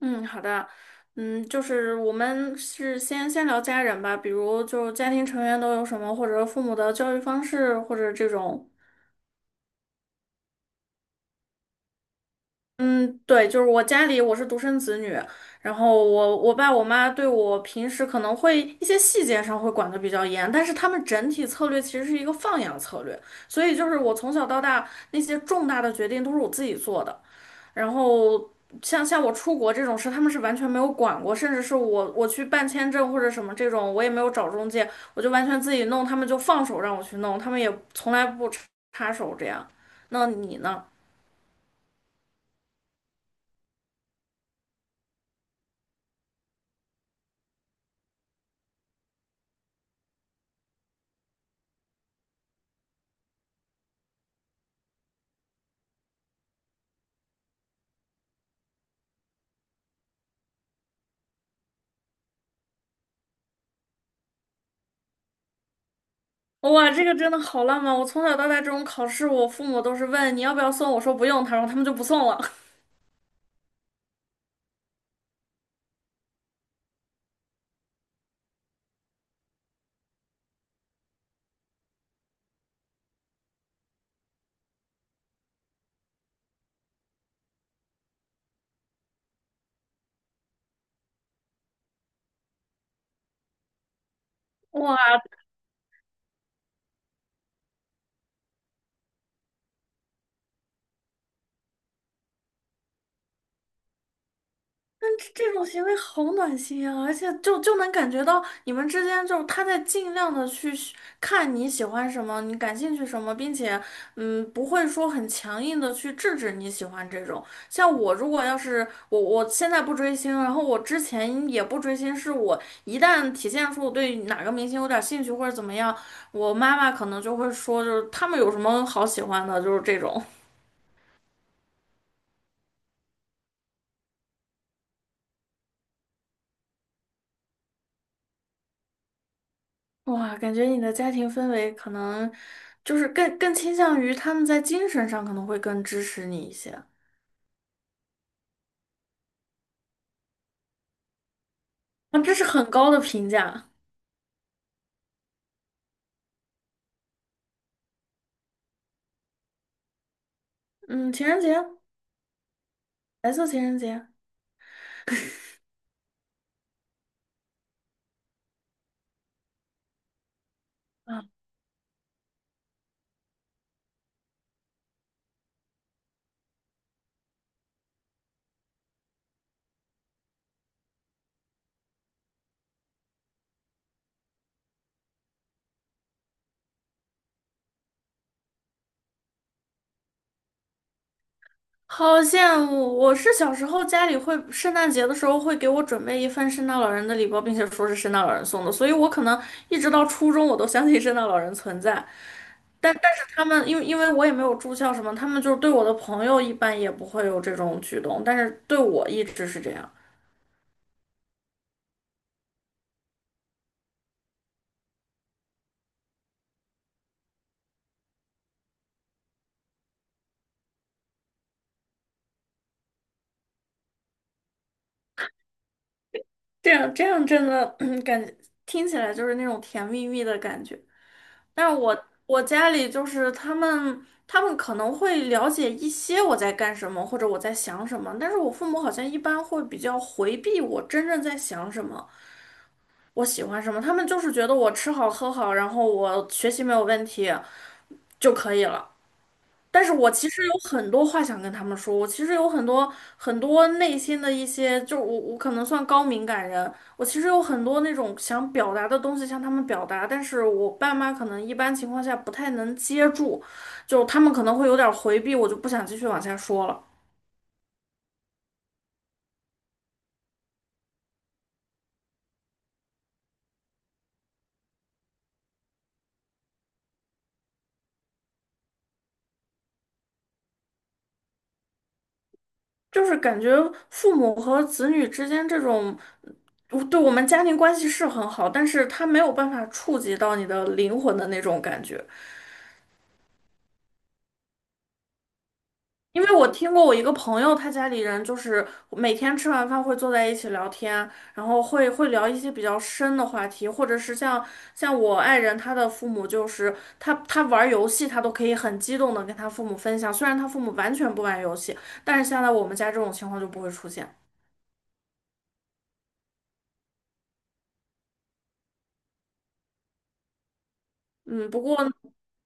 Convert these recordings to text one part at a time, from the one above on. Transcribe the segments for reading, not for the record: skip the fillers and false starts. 嗯，好的。嗯，就是我们是先聊家人吧，比如就是家庭成员都有什么，或者父母的教育方式，或者这种。嗯，对，就是我家里我是独生子女。然后我爸我妈对我平时可能会一些细节上会管的比较严，但是他们整体策略其实是一个放养策略，所以就是我从小到大那些重大的决定都是我自己做的。然后像我出国这种事，他们是完全没有管过，甚至是我去办签证或者什么这种，我也没有找中介，我就完全自己弄，他们就放手让我去弄，他们也从来不插手这样。那你呢？哇，这个真的好浪漫！我从小到大这种考试，我父母都是问你要不要送，我说不用，他说他们就不送了。哇，这种行为好暖心啊，而且就能感觉到你们之间就是他在尽量的去寻看你喜欢什么，你感兴趣什么，并且嗯不会说很强硬的去制止你喜欢这种。像我如果要是我现在不追星，然后我之前也不追星，是我一旦体现出我对哪个明星有点兴趣或者怎么样，我妈妈可能就会说就是他们有什么好喜欢的，就是这种。哇，感觉你的家庭氛围可能就是更倾向于他们在精神上可能会更支持你一些啊。这是很高的评价。嗯，情人节。白色情人节啊。好羡慕！我是小时候家里会圣诞节的时候会给我准备一份圣诞老人的礼包，并且说是圣诞老人送的，所以我可能一直到初中我都相信圣诞老人存在。但是他们因为因为我也没有住校什么，他们就是对我的朋友一般也不会有这种举动，但是对我一直是这样。这样真的，感觉听起来就是那种甜蜜蜜的感觉。但我家里就是他们，他们可能会了解一些我在干什么或者我在想什么，但是我父母好像一般会比较回避我真正在想什么，我喜欢什么，他们就是觉得我吃好喝好，然后我学习没有问题就可以了。但是我其实有很多话想跟他们说，我其实有很多内心的一些，就是我可能算高敏感人，我其实有很多那种想表达的东西向他们表达，但是我爸妈可能一般情况下不太能接住，就他们可能会有点儿回避，我就不想继续往下说了。就是感觉父母和子女之间这种，嗯对我们家庭关系是很好，但是他没有办法触及到你的灵魂的那种感觉。因为我听过我一个朋友，他家里人就是每天吃完饭会坐在一起聊天，然后会聊一些比较深的话题，或者是像我爱人他的父母，就是他玩游戏，他都可以很激动的跟他父母分享，虽然他父母完全不玩游戏，但是现在我们家这种情况就不会出现。嗯，不过呢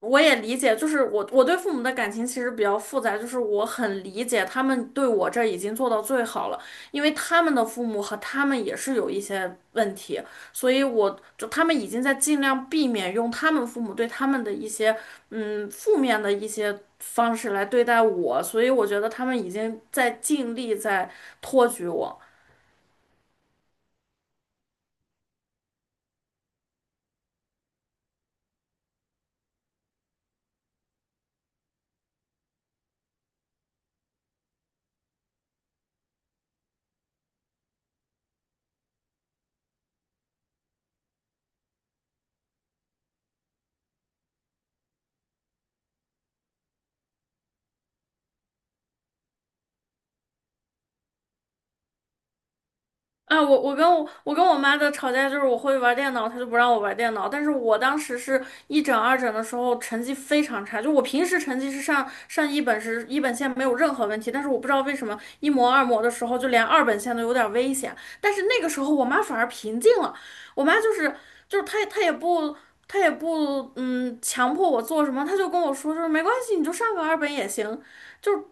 我也理解，就是我对父母的感情其实比较复杂，就是我很理解他们对我这已经做到最好了，因为他们的父母和他们也是有一些问题，所以我就他们已经在尽量避免用他们父母对他们的一些嗯负面的一些方式来对待我，所以我觉得他们已经在尽力在托举我。啊，我跟我妈的吵架就是我会玩电脑，她就不让我玩电脑。但是我当时是一整二整的时候成绩非常差，就我平时成绩是上一本是一本线没有任何问题，但是我不知道为什么一模二模的时候就连二本线都有点危险。但是那个时候我妈反而平静了，我妈就是她也不嗯强迫我做什么，她就跟我说就是没关系，你就上个二本也行，就。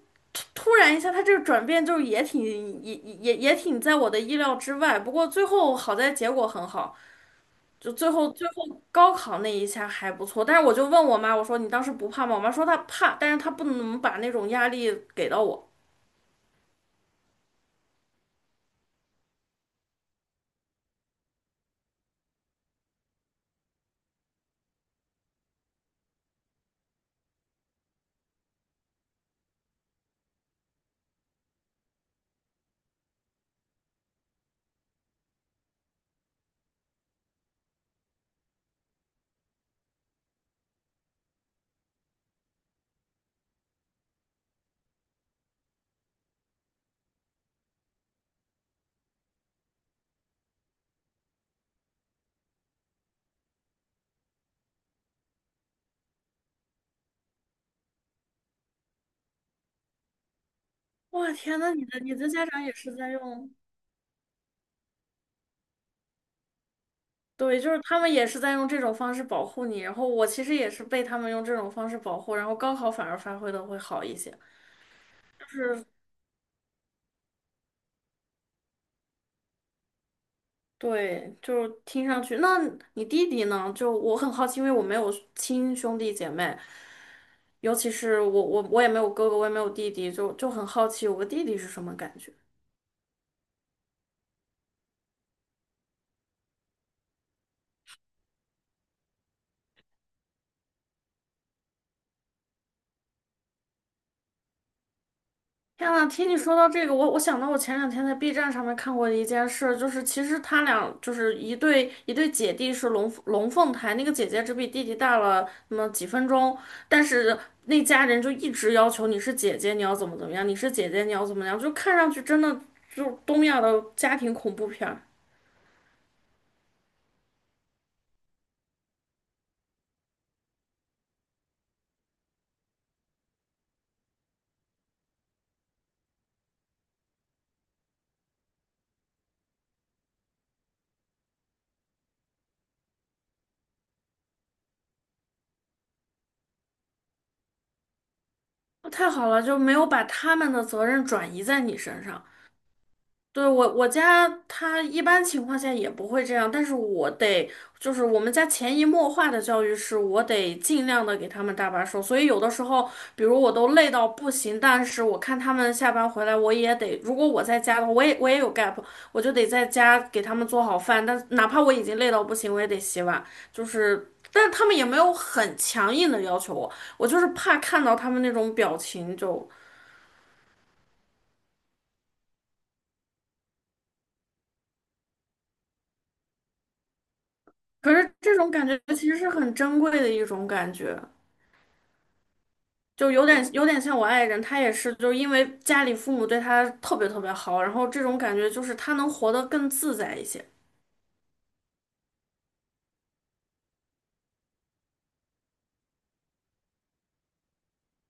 突然一下，他这个转变就是也挺在我的意料之外。不过最后好在结果很好，就最后高考那一下还不错。但是我就问我妈，我说你当时不怕吗？我妈说她怕，但是她不能把那种压力给到我。我天呐，你的家长也是在用。对，就是他们也是在用这种方式保护你。然后我其实也是被他们用这种方式保护，然后高考反而发挥的会好一些。就是对，就是听上去。那你弟弟呢？就我很好奇，因为我没有亲兄弟姐妹，尤其是我也没有哥哥，我也没有弟弟，就很好奇我个弟弟是什么感觉。天呐，听你说到这个，我想到我前两天在 B 站上面看过的一件事，就是其实他俩就是一对姐弟是龙凤胎，那个姐姐只比弟弟大了那么几分钟，但是那家人就一直要求你是姐姐，你要怎么怎么样，你是姐姐，你要怎么样，就看上去真的就东亚的家庭恐怖片儿。太好了，就没有把他们的责任转移在你身上。对，我我家他一般情况下也不会这样，但是我得就是我们家潜移默化的教育是我得尽量的给他们搭把手，所以有的时候，比如我都累到不行，但是我看他们下班回来，我也得，如果我在家的话，我也有 gap,我就得在家给他们做好饭，但哪怕我已经累到不行，我也得洗碗，就是。但是他们也没有很强硬的要求我，我就是怕看到他们那种表情就。可是这种感觉其实是很珍贵的一种感觉。就有点像我爱人，他也是，就是因为家里父母对他特别特别好，然后这种感觉就是他能活得更自在一些。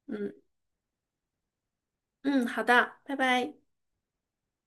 嗯。嗯，好的，拜拜。